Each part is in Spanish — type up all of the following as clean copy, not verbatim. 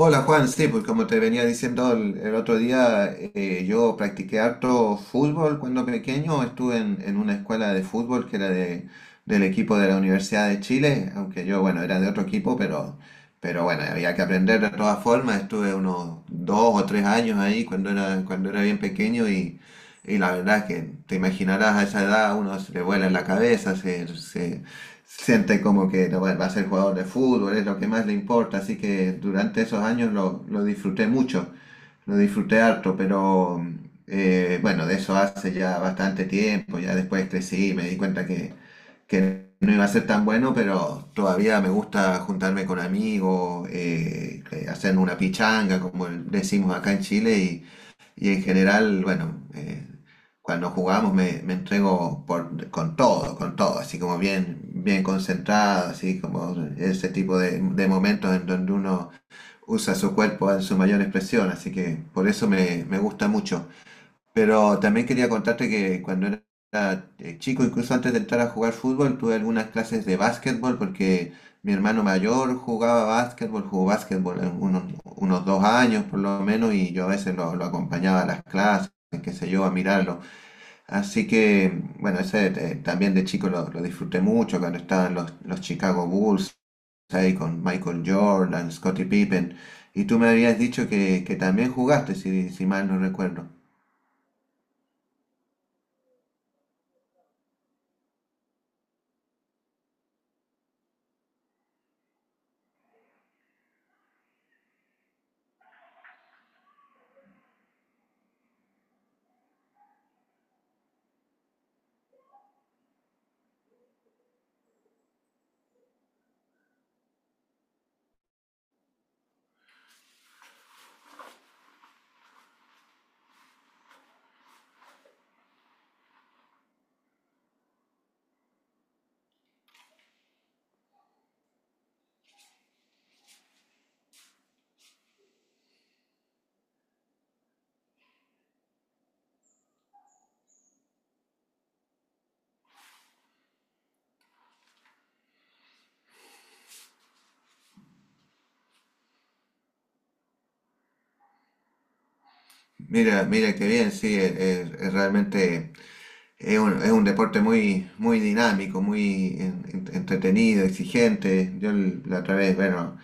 Hola Juan, sí, pues como te venía diciendo el otro día, yo practiqué harto fútbol cuando pequeño, estuve en una escuela de fútbol que era del equipo de la Universidad de Chile, aunque yo, bueno, era de otro equipo, pero bueno, había que aprender de todas formas, estuve unos 2 o 3 años ahí cuando era bien pequeño y la verdad es que te imaginarás a esa edad, uno se le vuela en la cabeza, siente como que no va, va a ser jugador de fútbol, es lo que más le importa, así que durante esos años lo disfruté mucho, lo disfruté harto, pero bueno, de eso hace ya bastante tiempo, ya después crecí, me di cuenta que no iba a ser tan bueno, pero todavía me gusta juntarme con amigos, hacer una pichanga, como decimos acá en Chile, y en general, bueno, cuando jugamos me entrego con todo, así como bien, bien concentrado, así como ese tipo de momentos en donde uno usa su cuerpo en su mayor expresión, así que por eso me gusta mucho. Pero también quería contarte que cuando era chico, incluso antes de entrar a jugar fútbol, tuve algunas clases de básquetbol porque mi hermano mayor jugaba básquetbol, jugó básquetbol en unos 2 años por lo menos y yo a veces lo acompañaba a las clases, qué sé yo, a mirarlo. Así que, bueno, ese también de chico lo disfruté mucho cuando estaban los Chicago Bulls ahí con Michael Jordan, Scottie Pippen. Y tú me habías dicho que también jugaste, si mal no recuerdo. Mira qué bien, sí, es realmente es un deporte muy, muy dinámico, muy entretenido, exigente. La otra vez, bueno,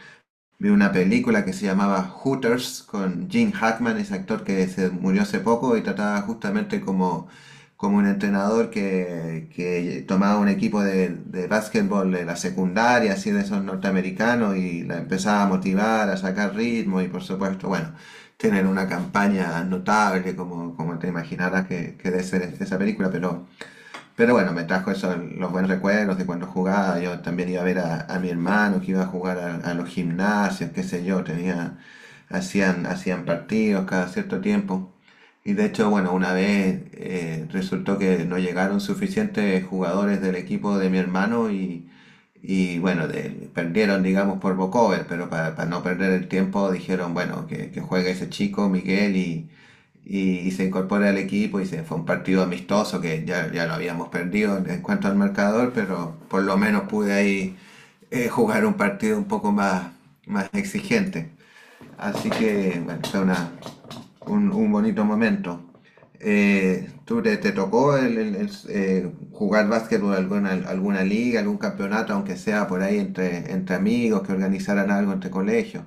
vi una película que se llamaba Hooters con Jim Hackman, ese actor que se murió hace poco y trataba justamente como, como un entrenador que tomaba un equipo de básquetbol de la secundaria, así de esos norteamericanos, y la empezaba a motivar, a sacar ritmo y por supuesto, bueno, tienen una campaña notable como, como te imaginarás que debe ser esa película, pero... Pero bueno, me trajo esos los buenos recuerdos de cuando jugaba. Yo también iba a ver a mi hermano que iba a jugar a los gimnasios, qué sé yo. Tenía, hacían partidos cada cierto tiempo. Y de hecho, bueno, una vez resultó que no llegaron suficientes jugadores del equipo de mi hermano y bueno, perdieron, digamos, por Bocover, pero para no perder el tiempo dijeron, bueno, que juegue ese chico, Miguel, y se incorpora al equipo fue un partido amistoso que ya lo habíamos perdido en cuanto al marcador, pero por lo menos pude ahí jugar un partido un poco más, más exigente. Así que, bueno, un bonito momento. Te tocó jugar básquet por alguna, alguna liga, algún campeonato, aunque sea por ahí entre, entre amigos, que organizaran algo entre colegios?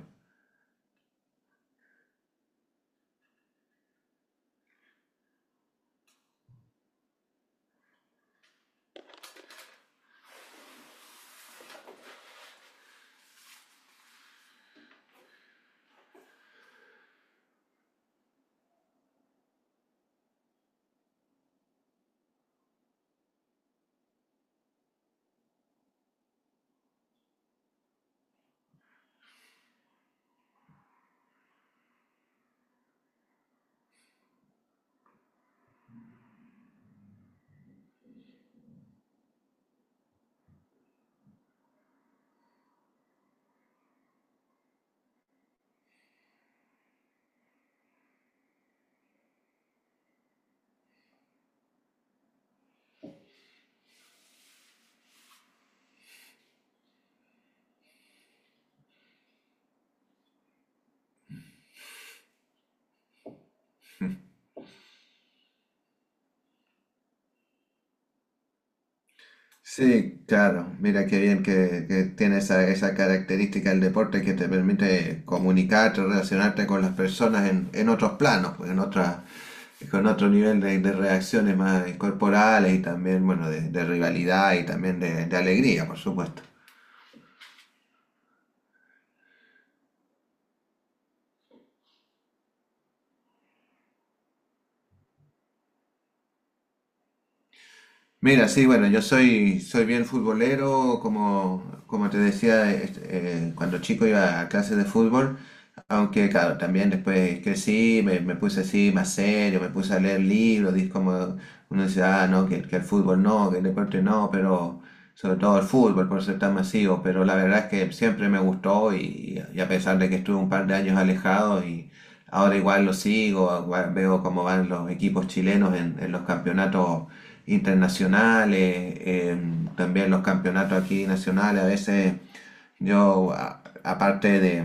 Sí, claro. Mira qué bien que tiene esa, esa característica el deporte que te permite comunicarte, relacionarte con las personas en otros planos, pues, con otro nivel de reacciones más corporales y también, bueno, de rivalidad y también de alegría, por supuesto. Mira, sí, bueno, soy bien futbolero, como, como te decía, cuando chico iba a clases de fútbol, aunque claro, también después crecí, me puse así más serio, me puse a leer libros, como uno dice, ah, no, que el fútbol no, que el deporte no, pero sobre todo el fútbol por ser tan masivo, pero la verdad es que siempre me gustó y a pesar de que estuve un par de años alejado y ahora igual lo sigo, igual veo cómo van los equipos chilenos en los campeonatos internacionales, también los campeonatos aquí nacionales. A veces yo, aparte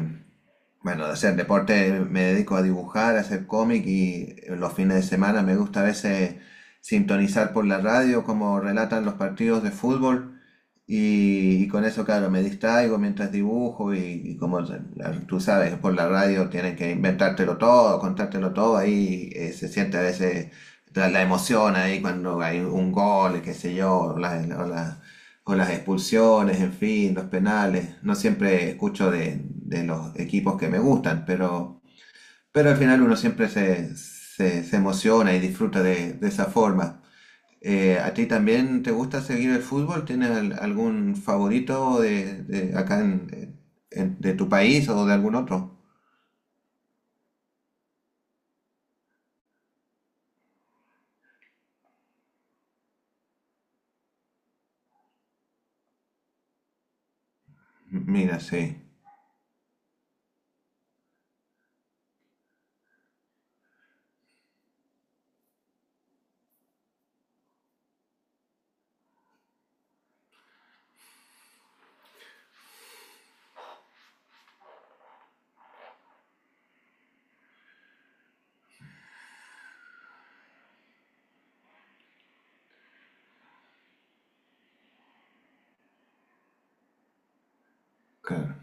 bueno, de hacer deporte, me dedico a dibujar, a hacer cómic y los fines de semana me gusta a veces sintonizar por la radio como relatan los partidos de fútbol. Y con eso, claro, me distraigo mientras dibujo y como tú sabes, por la radio tienen que inventártelo todo, contártelo todo, ahí se siente a veces la emoción ahí cuando hay un gol, qué sé yo, o las expulsiones, en fin, los penales. No siempre escucho de los equipos que me gustan, pero al final uno siempre se emociona y disfruta de esa forma. ¿A ti también te gusta seguir el fútbol? ¿Tienes algún favorito de acá de tu país o de algún otro? Mira, sí, claro.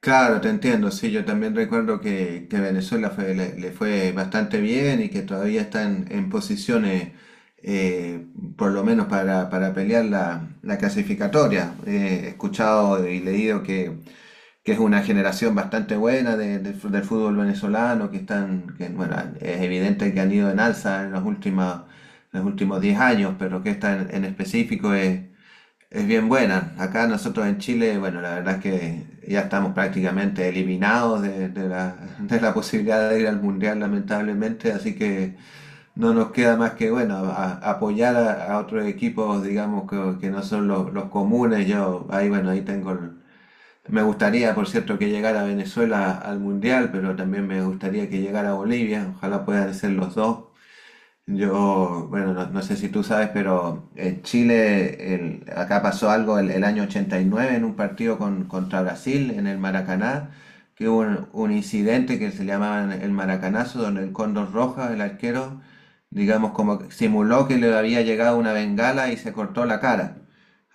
Claro, te entiendo, sí, yo también recuerdo que Venezuela le, le fue bastante bien y que todavía está en posiciones, eh, por lo menos para pelear la clasificatoria. He escuchado y leído que es una generación bastante buena del fútbol venezolano, que están, que, bueno, es evidente que han ido en alza en los últimos 10 años, pero que esta en específico es bien buena. Acá nosotros en Chile, bueno, la verdad es que ya estamos prácticamente eliminados de la posibilidad de ir al Mundial, lamentablemente, así que no nos queda más que, bueno, apoyar a otros equipos, digamos, que no son los comunes. Yo, ahí, bueno, ahí tengo... Me gustaría, por cierto, que llegara Venezuela al Mundial, pero también me gustaría que llegara Bolivia. Ojalá puedan ser los dos. Yo, bueno, no, no sé si tú sabes, pero en Chile, acá pasó algo el año 89 en un partido contra Brasil en el Maracaná, que hubo un incidente que se llamaba el Maracanazo, donde el Cóndor Roja, el arquero, digamos, como que simuló que le había llegado una bengala y se cortó la cara.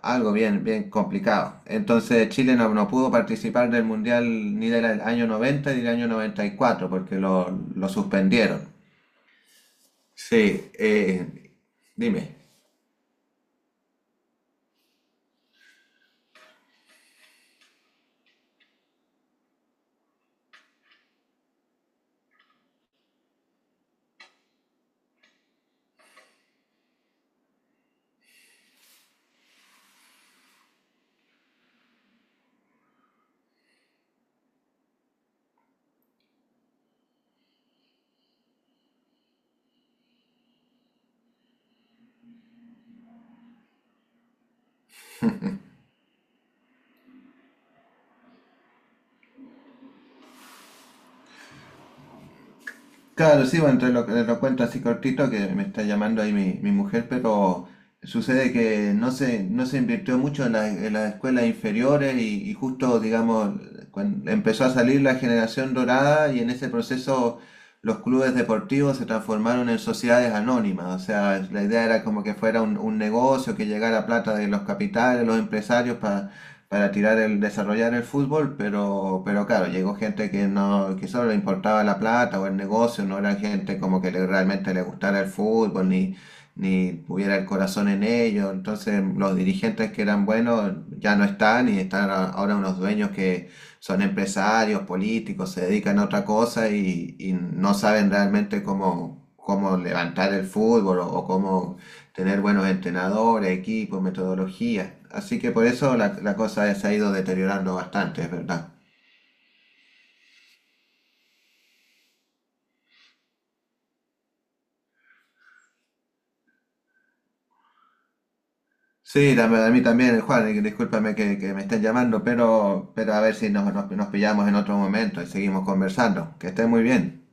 Algo bien, bien complicado. Entonces Chile no pudo participar del Mundial ni del año 90 ni del año 94 porque lo suspendieron. Sí, dime. Claro, sí, bueno, entre lo cuento así cortito que me está llamando ahí mi mujer, pero sucede que no se invirtió mucho en las escuelas inferiores y justo, digamos, cuando empezó a salir la generación dorada y en ese proceso los clubes deportivos se transformaron en sociedades anónimas, o sea, la idea era como que fuera un negocio que llegara plata de los capitales, los empresarios para tirar el, desarrollar el fútbol, pero claro, llegó gente que no, que solo le importaba la plata o el negocio, no era gente como realmente le gustara el fútbol, ni tuviera el corazón en ello. Entonces, los dirigentes que eran buenos ya no están y están ahora unos dueños que son empresarios, políticos, se dedican a otra cosa y no saben realmente cómo, cómo levantar el fútbol o cómo tener buenos entrenadores, equipos, metodología. Así que por eso la cosa se ha ido deteriorando bastante, es verdad. Sí, a mí también, Juan, y discúlpame que me estén llamando, pero a ver si nos pillamos en otro momento y seguimos conversando. Que esté muy bien.